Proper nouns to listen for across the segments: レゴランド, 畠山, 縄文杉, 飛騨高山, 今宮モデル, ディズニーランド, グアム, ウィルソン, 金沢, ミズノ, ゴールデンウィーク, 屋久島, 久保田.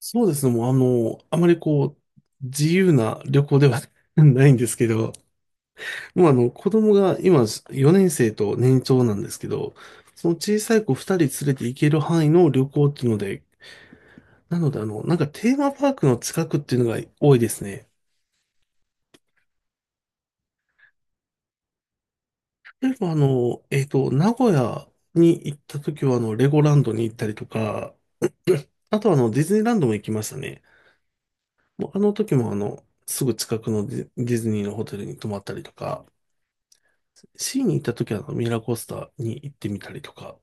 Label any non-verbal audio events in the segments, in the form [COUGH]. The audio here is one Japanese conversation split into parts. そうですね。もうあまり自由な旅行では [LAUGHS] ないんですけど、もう子供が今4年生と年長なんですけど、その小さい子2人連れて行ける範囲の旅行っていうので、なのでなんかテーマパークの近くっていうのが多いですね。例えば名古屋に行った時はレゴランドに行ったりとか、あとはディズニーランドも行きましたね。もうあの時もすぐ近くのディズニーのホテルに泊まったりとか、シーに行った時はミラーコースターに行ってみたりとか、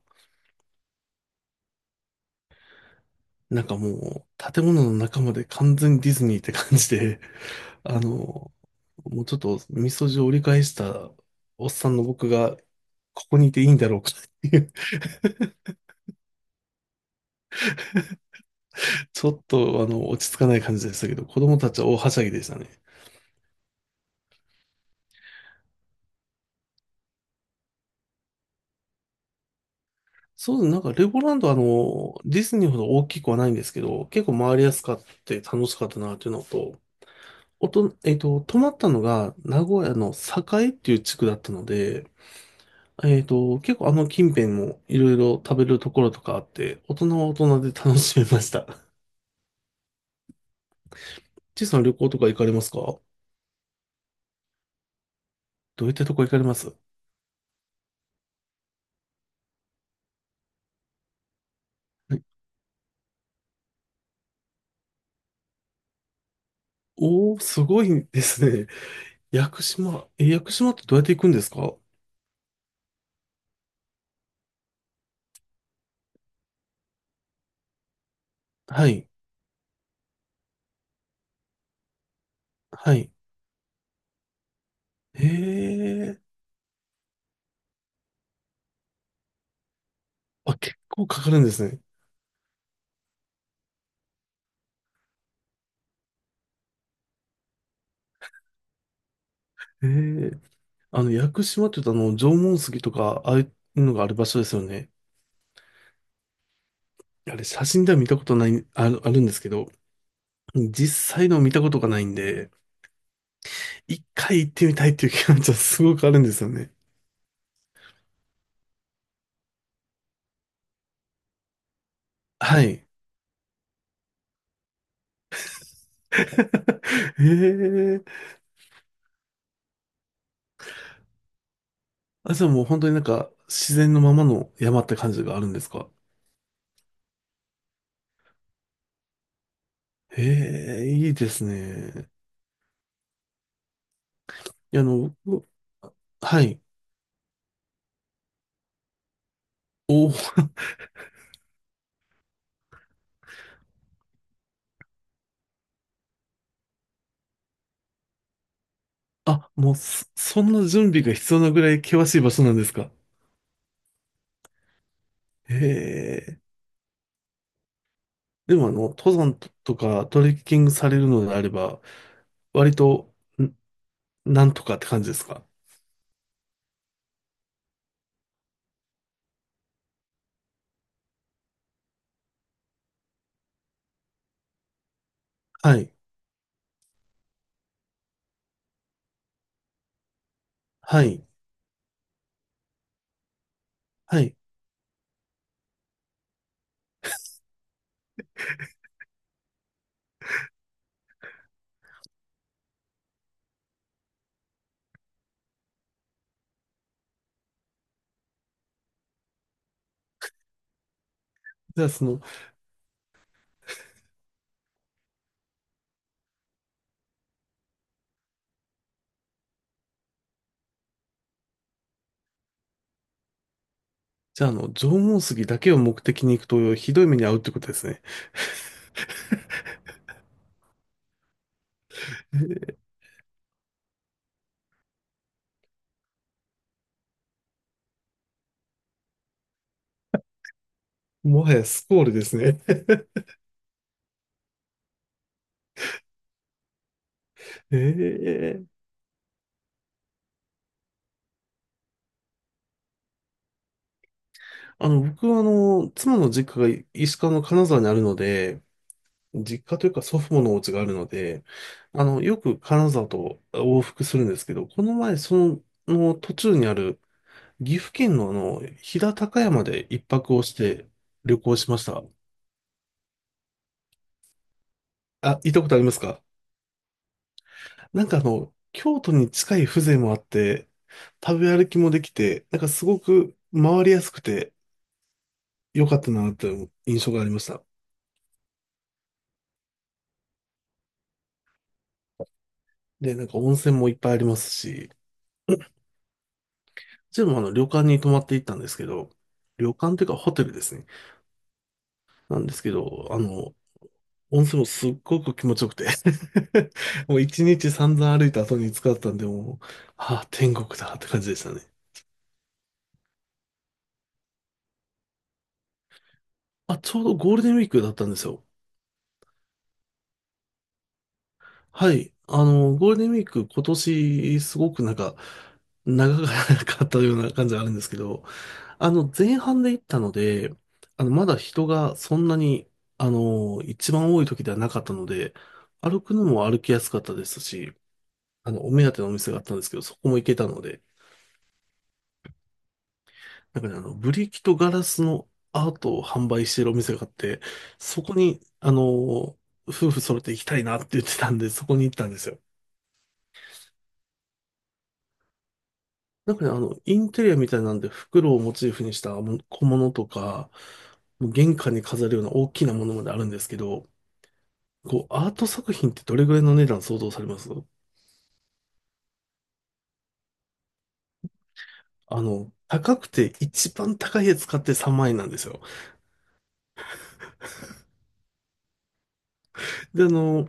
なんかもう建物の中まで完全にディズニーって感じで、[LAUGHS] あの、もうちょっとみそじを折り返したおっさんの僕がここにいていいんだろうかっていう、[LAUGHS] ちょっと落ち着かない感じでしたけど、子供たちは大はしゃぎでしたね。そうですね。なんかレゴランド、ディズニーほど大きくはないんですけど、結構回りやすかって楽しかったなっていうのと、おと、えっと、泊まったのが名古屋の栄っていう地区だったので、結構近辺もいろいろ食べるところとかあって、大人は大人で楽しめました。[LAUGHS] ちいさん、旅行とか行かれますか？どういったとこ行かれます？はい。おー、すごいですね。屋久島。え、屋久島ってどうやって行くんですか？はい。はい。へえ。あ、結構かかるんですね。へえ。屋久島って言うと縄文杉とか、ああいうのがある場所ですよね。あれ、写真では見たことない、あるんですけど、実際の見たことがないんで、一回行ってみたいっていう気持ちはすごくあるんですよね。はい。[LAUGHS] ええ。あ、じゃあもう本当になんか自然のままの山って感じがあるんですか？ええ、いいですね。いや、僕。はい。おお、あ、もうそんな準備が必要なぐらい険しい場所なんですか？ええ。でも登山とかトレッキングされるのであれば、割と、んなんとかって感じですか？はい。はい。はい。じゃあその。じゃあ、縄文杉だけを目的に行くと、ひどい目に遭うってことですね。[LAUGHS] もはやスコールですね。[LAUGHS] ええ。僕は妻の実家が石川の金沢にあるので、実家というか祖父母のお家があるので、よく金沢と往復するんですけど、この前、の途中にある岐阜県の飛騨高山で一泊をして旅行しました。あ、行ったことありますか？なんか京都に近い風情もあって、食べ歩きもできて、なんかすごく回りやすくて良かったなという印象がありました。で、なんか温泉もいっぱいありますし、うちもあの旅館に泊まっていったんですけど、旅館というかホテルですね。なんですけど、温泉もすっごく気持ちよくて、 [LAUGHS] もう一日散々歩いた後に使ったんで、もう、ああ、天国だって感じでしたね。あ、ちょうどゴールデンウィークだったんですよ。はい。ゴールデンウィーク今年すごくなんか長かったような感じがあるんですけど、前半で行ったので、まだ人がそんなに、一番多い時ではなかったので、歩くのも歩きやすかったですし、お目当てのお店があったんですけど、そこも行けたので、なんかね、ブリキとガラスのアートを販売しているお店があって、そこに、夫婦揃って行きたいなって言ってたんで、そこに行ったんですよ。なんかね、インテリアみたいなんで、袋をモチーフにしたも小物とか、もう玄関に飾るような大きなものまであるんですけど、アート作品ってどれぐらいの値段想像されます？高くて一番高いやつ買って3万円なんですよ。で、あの、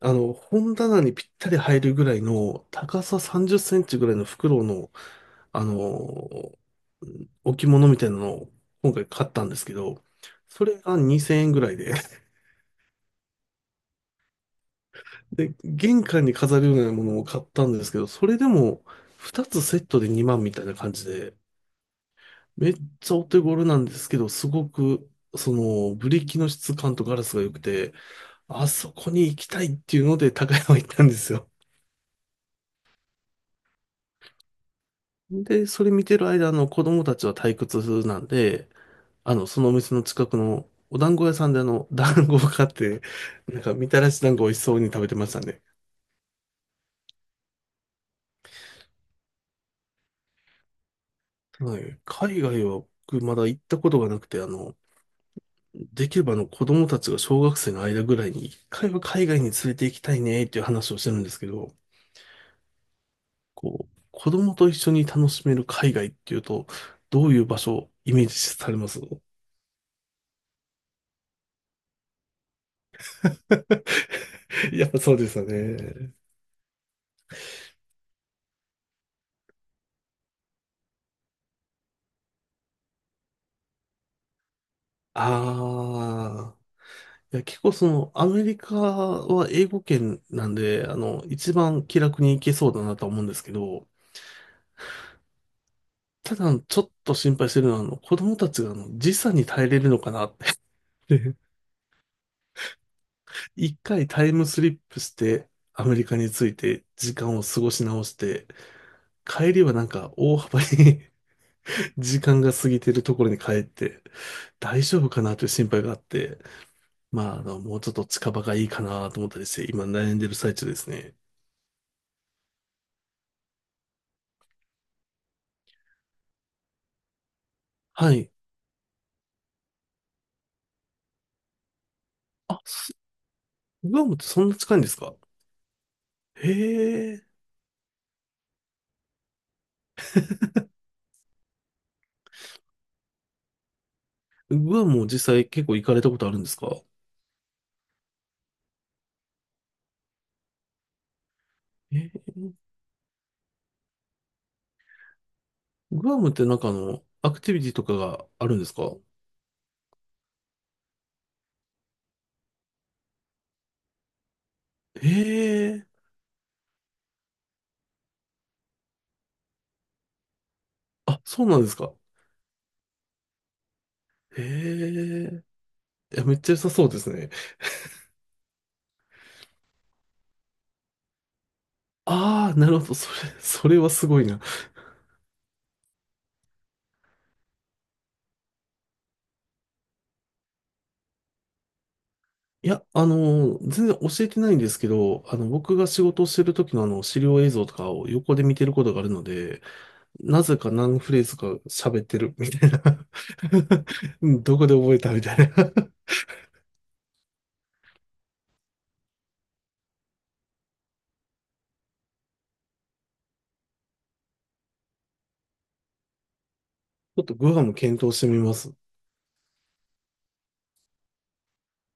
あの、本棚にぴったり入るぐらいの、高さ30センチぐらいの袋の、あの、置物みたいなのを今回買ったんですけど、それが2000円ぐらいで、玄関に飾るようなものを買ったんですけど、それでも2つセットで2万みたいな感じで、めっちゃお手頃なんですけど、すごく、その、ブリキの質感とガラスが良くて、あそこに行きたいっていうので高山行ったんですよ。で、それ見てる間、子供たちは退屈なんで、そのお店の近くのお団子屋さんで団子を買って、なんかみたらし団子美味しそうに食べてましたね。はい。海外は僕まだ行ったことがなくて、できればあの子供たちが小学生の間ぐらいに一回は海外に連れて行きたいねっていう話をしてるんですけど、子供と一緒に楽しめる海外っていうと、どういう場所をイメージされます？ [LAUGHS] やっぱそうですよね。ああ。いや、結構アメリカは英語圏なんで、一番気楽に行けそうだなとは思うんですけど、ただちょっと心配してるのは、子供たちが時差に耐えれるのかなって、 [LAUGHS] 一回タイムスリップしてアメリカに着いて時間を過ごし直して、帰りはなんか大幅に [LAUGHS] 時間が過ぎてるところに帰って大丈夫かなという心配があって、まあ、もうちょっと近場がいいかなと思ったりして、今悩んでる最中ですね。はい。あ、グアムってそんな近いんですか？へえ。グアムも実際結構行かれたことあるんですか？へえー。グアムってなんかアクティビティとかがあるんですか？へえ。あ、そうなんですか。へえ。いや、めっちゃ良さそうですね。ああ、なるほど。それはすごいな。いや、全然教えてないんですけど、僕が仕事をしてる時の資料映像とかを横で見てることがあるので、なぜか何フレーズか喋ってるみたいな。[LAUGHS] どこで覚えたみたいな。[LAUGHS] ちょっとグアム検討してみます。